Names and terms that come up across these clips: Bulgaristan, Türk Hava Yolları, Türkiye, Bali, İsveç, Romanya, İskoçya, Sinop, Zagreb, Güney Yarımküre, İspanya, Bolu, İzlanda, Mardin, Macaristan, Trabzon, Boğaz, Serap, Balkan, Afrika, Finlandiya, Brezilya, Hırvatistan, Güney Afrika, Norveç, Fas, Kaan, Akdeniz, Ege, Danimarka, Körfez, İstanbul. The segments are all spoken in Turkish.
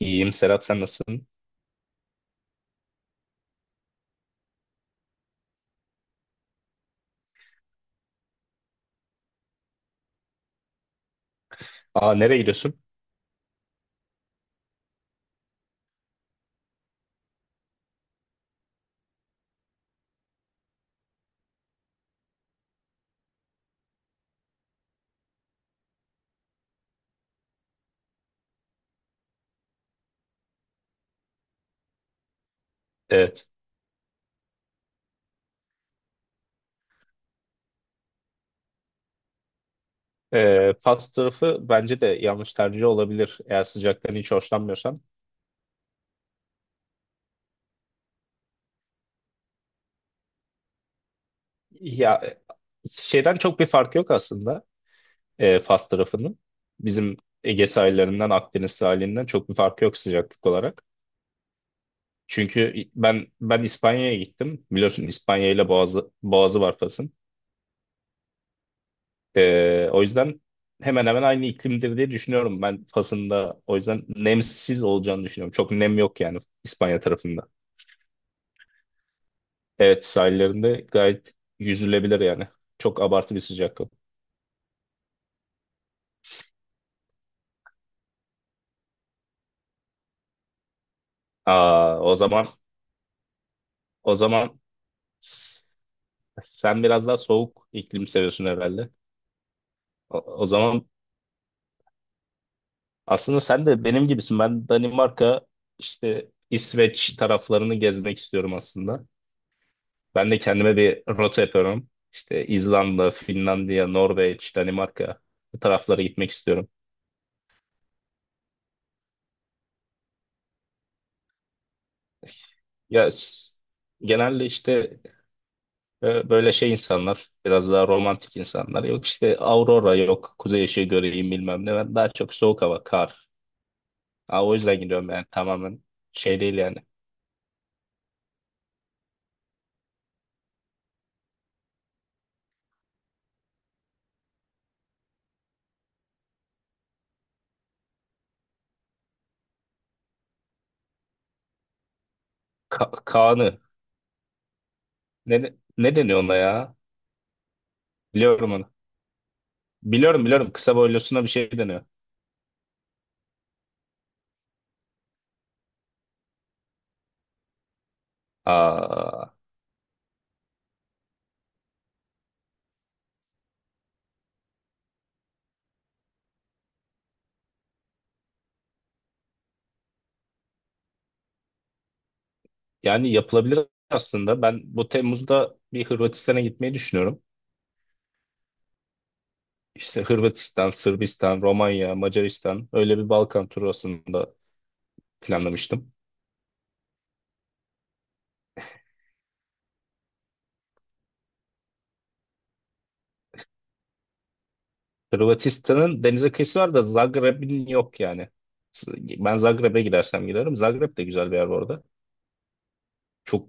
İyiyim Serap, sen nasılsın? Aa, nereye gidiyorsun? Evet. Fas tarafı bence de yanlış tercih olabilir eğer sıcaktan hiç hoşlanmıyorsan. Ya şeyden çok bir fark yok aslında, Fas tarafının. Bizim Ege sahillerinden Akdeniz sahilinden çok bir fark yok sıcaklık olarak. Çünkü ben İspanya'ya gittim. Biliyorsun İspanya ile Boğazı var Fas'ın. O yüzden hemen hemen aynı iklimdir diye düşünüyorum ben Fas'ın da. O yüzden nemsiz olacağını düşünüyorum. Çok nem yok yani İspanya tarafında. Evet, sahillerinde gayet yüzülebilir yani. Çok abartı bir sıcak yok. Aa, o zaman s- sen biraz daha soğuk iklim seviyorsun herhalde. O zaman aslında sen de benim gibisin. Ben Danimarka işte İsveç taraflarını gezmek istiyorum aslında. Ben de kendime bir rota yapıyorum. İşte İzlanda, Finlandiya, Norveç, Danimarka, bu taraflara gitmek istiyorum. Ya s- genelde işte, böyle şey insanlar, biraz daha romantik insanlar. Yok işte aurora, yok kuzey ışığı göreyim bilmem ne. Ben daha çok soğuk hava, kar. Ha, o yüzden gidiyorum yani, tamamen şey değil yani. Kaan'ı. Ne deniyor ona ya? Biliyorum onu. Biliyorum, biliyorum, kısa boylusuna bir şey deniyor. Aa, yani yapılabilir aslında. Ben bu Temmuz'da bir Hırvatistan'a gitmeyi düşünüyorum. İşte Hırvatistan, Sırbistan, Romanya, Macaristan, öyle bir Balkan turu aslında planlamıştım. Hırvatistan'ın denize kıyısı var da Zagreb'in yok yani. Ben Zagreb'e gidersem giderim. Zagreb de güzel bir yer bu arada. Çok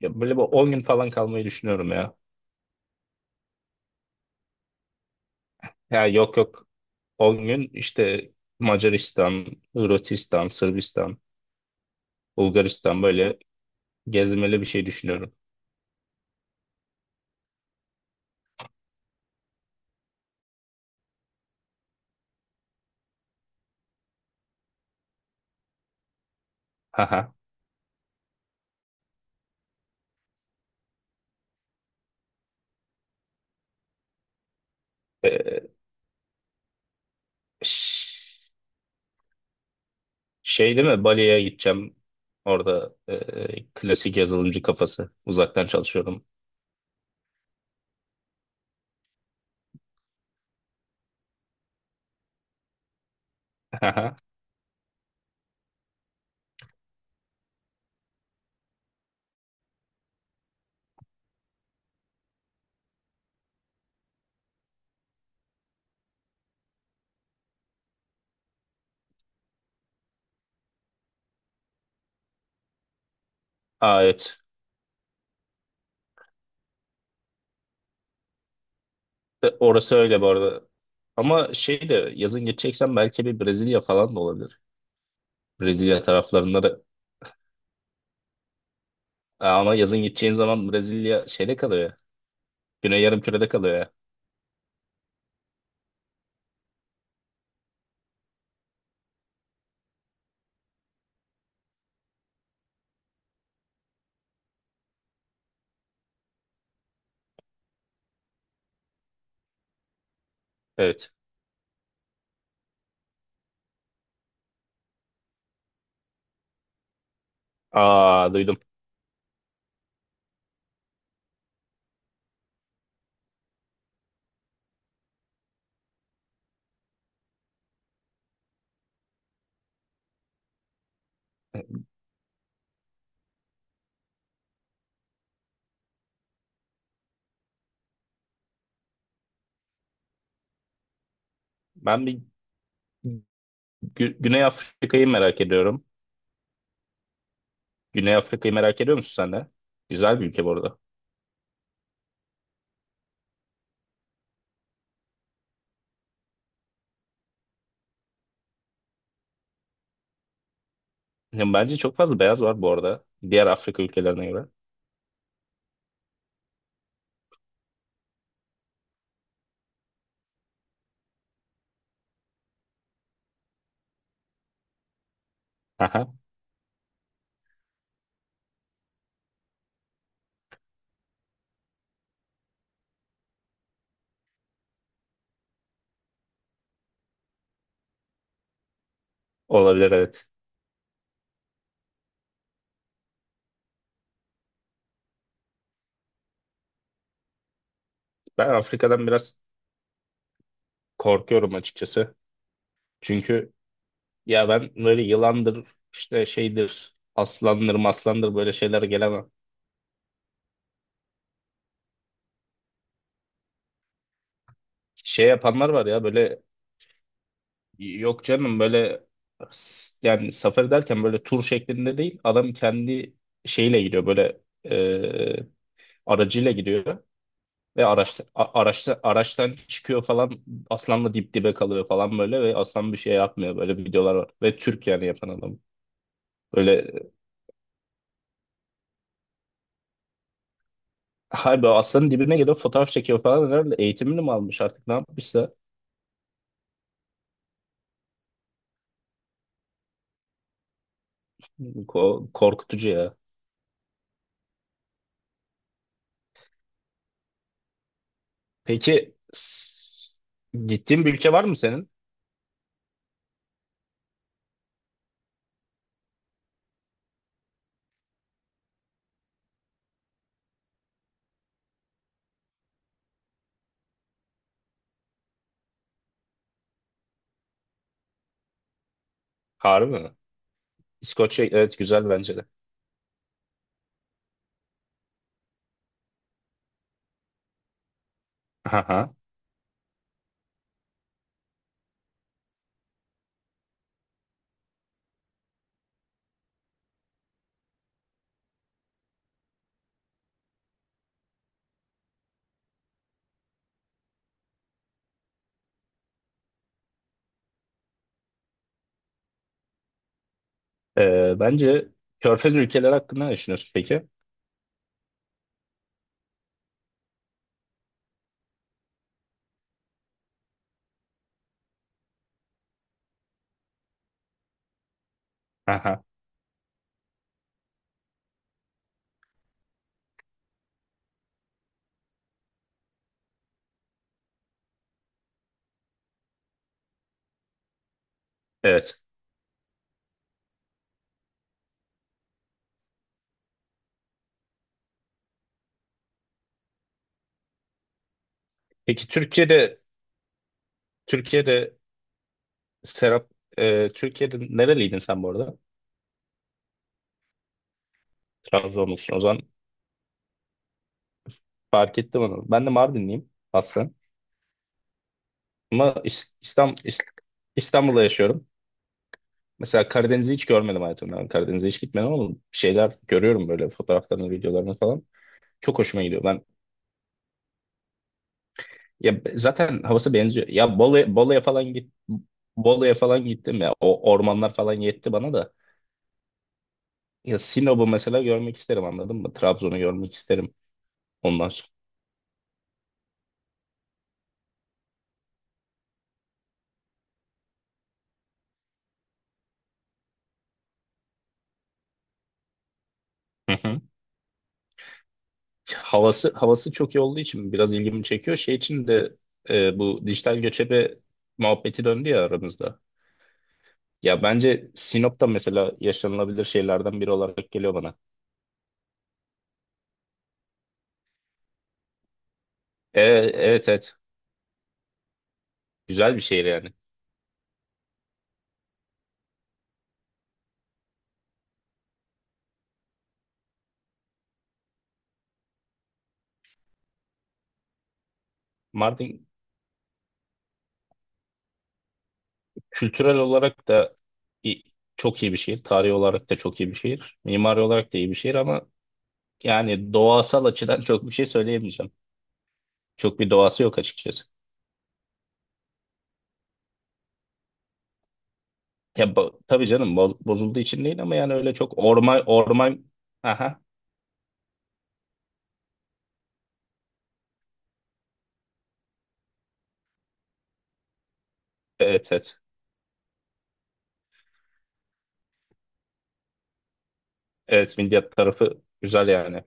ya böyle bir 10 gün falan kalmayı düşünüyorum ya. Ya, yok yok, 10 gün işte Macaristan, Hırvatistan, Sırbistan, Bulgaristan, böyle gezmeli bir şey düşünüyorum. Haha. E, Ş- Şey değil mi? Bali'ye gideceğim. Orada, klasik yazılımcı kafası. Uzaktan çalışıyorum. Aha. Aa, evet. Orası öyle bu arada. Ama şey de yazın gideceksen belki bir Brezilya falan da olabilir. Brezilya taraflarında da. Aa, ama yazın gideceğin zaman Brezilya şeyde kalıyor ya. Güney Yarımküre'de kalıyor ya. Evet. Aa, duydum. Ben bir Güney Afrika'yı merak ediyorum. Güney Afrika'yı merak ediyor musun sen de? Güzel bir ülke bu arada. Ya bence çok fazla beyaz var bu arada. Diğer Afrika ülkelerine göre. Aha, olabilir, evet. Ben Afrika'dan biraz korkuyorum açıkçası. Çünkü ya ben böyle yılandır, işte şeydir, aslandır, maslandır, böyle şeyler gelemem. Şey yapanlar var ya, böyle. Yok canım, böyle yani safari derken böyle tur şeklinde değil. Adam kendi şeyle gidiyor, böyle e, aracıyla gidiyor. Ve araçta, araçtan çıkıyor falan, aslanla dip dibe kalıyor falan böyle, ve aslan bir şey yapmıyor, böyle videolar var. Ve Türk, yani yapan adam. Böyle harbi aslanın dibine geliyor, fotoğraf çekiyor falan, herhalde eğitimini mi almış artık ne yapmışsa. Korkutucu ya. Peki gittiğin bir ülke var mı senin? Harbi mi? İskoçya, evet, güzel bence de. Aha. Bence Körfez ülkeleri hakkında ne düşünüyorsun peki? Aha. Evet. Peki Türkiye'de Türkiye'de Serap, Türkiye'de nereliydin sen bu arada? Trabzonlusun. O zaman fark ettim onu. Ben de Mardinliyim aslında. Ama İstanbul'da yaşıyorum. Mesela Karadeniz'i hiç görmedim hayatımda. Ben Karadeniz'e hiç gitmedim ama bir şeyler görüyorum böyle, fotoğraflarını, videolarını falan. Çok hoşuma gidiyor. Ben ya, zaten havası benziyor. Ya Bolu, Bolu'ya falan git. Bolu'ya falan gittim ya. O ormanlar falan yetti bana da. Ya Sinop'u mesela görmek isterim, anladın mı? Trabzon'u görmek isterim ondan sonra. Havası, havası çok iyi olduğu için biraz ilgimi çekiyor. Şey için de, bu dijital göçebe muhabbeti döndü ya aramızda. Ya bence Sinop'ta mesela yaşanılabilir şeylerden biri olarak geliyor bana. E, evet, evet. Güzel bir şehir yani. Mardin kültürel olarak da i- çok iyi bir şehir. Tarihi olarak da çok iyi bir şehir. Mimari olarak da iyi bir şehir ama yani doğasal açıdan çok bir şey söyleyemeyeceğim. Çok bir doğası yok açıkçası. Ya, tabii canım, bozulduğu için değil ama yani öyle çok orman orman. Aha. Evet, evet. Evet, milliyet tarafı güzel yani.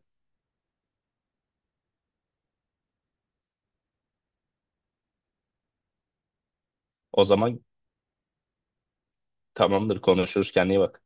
O zaman tamamdır, konuşuruz, kendine iyi bak.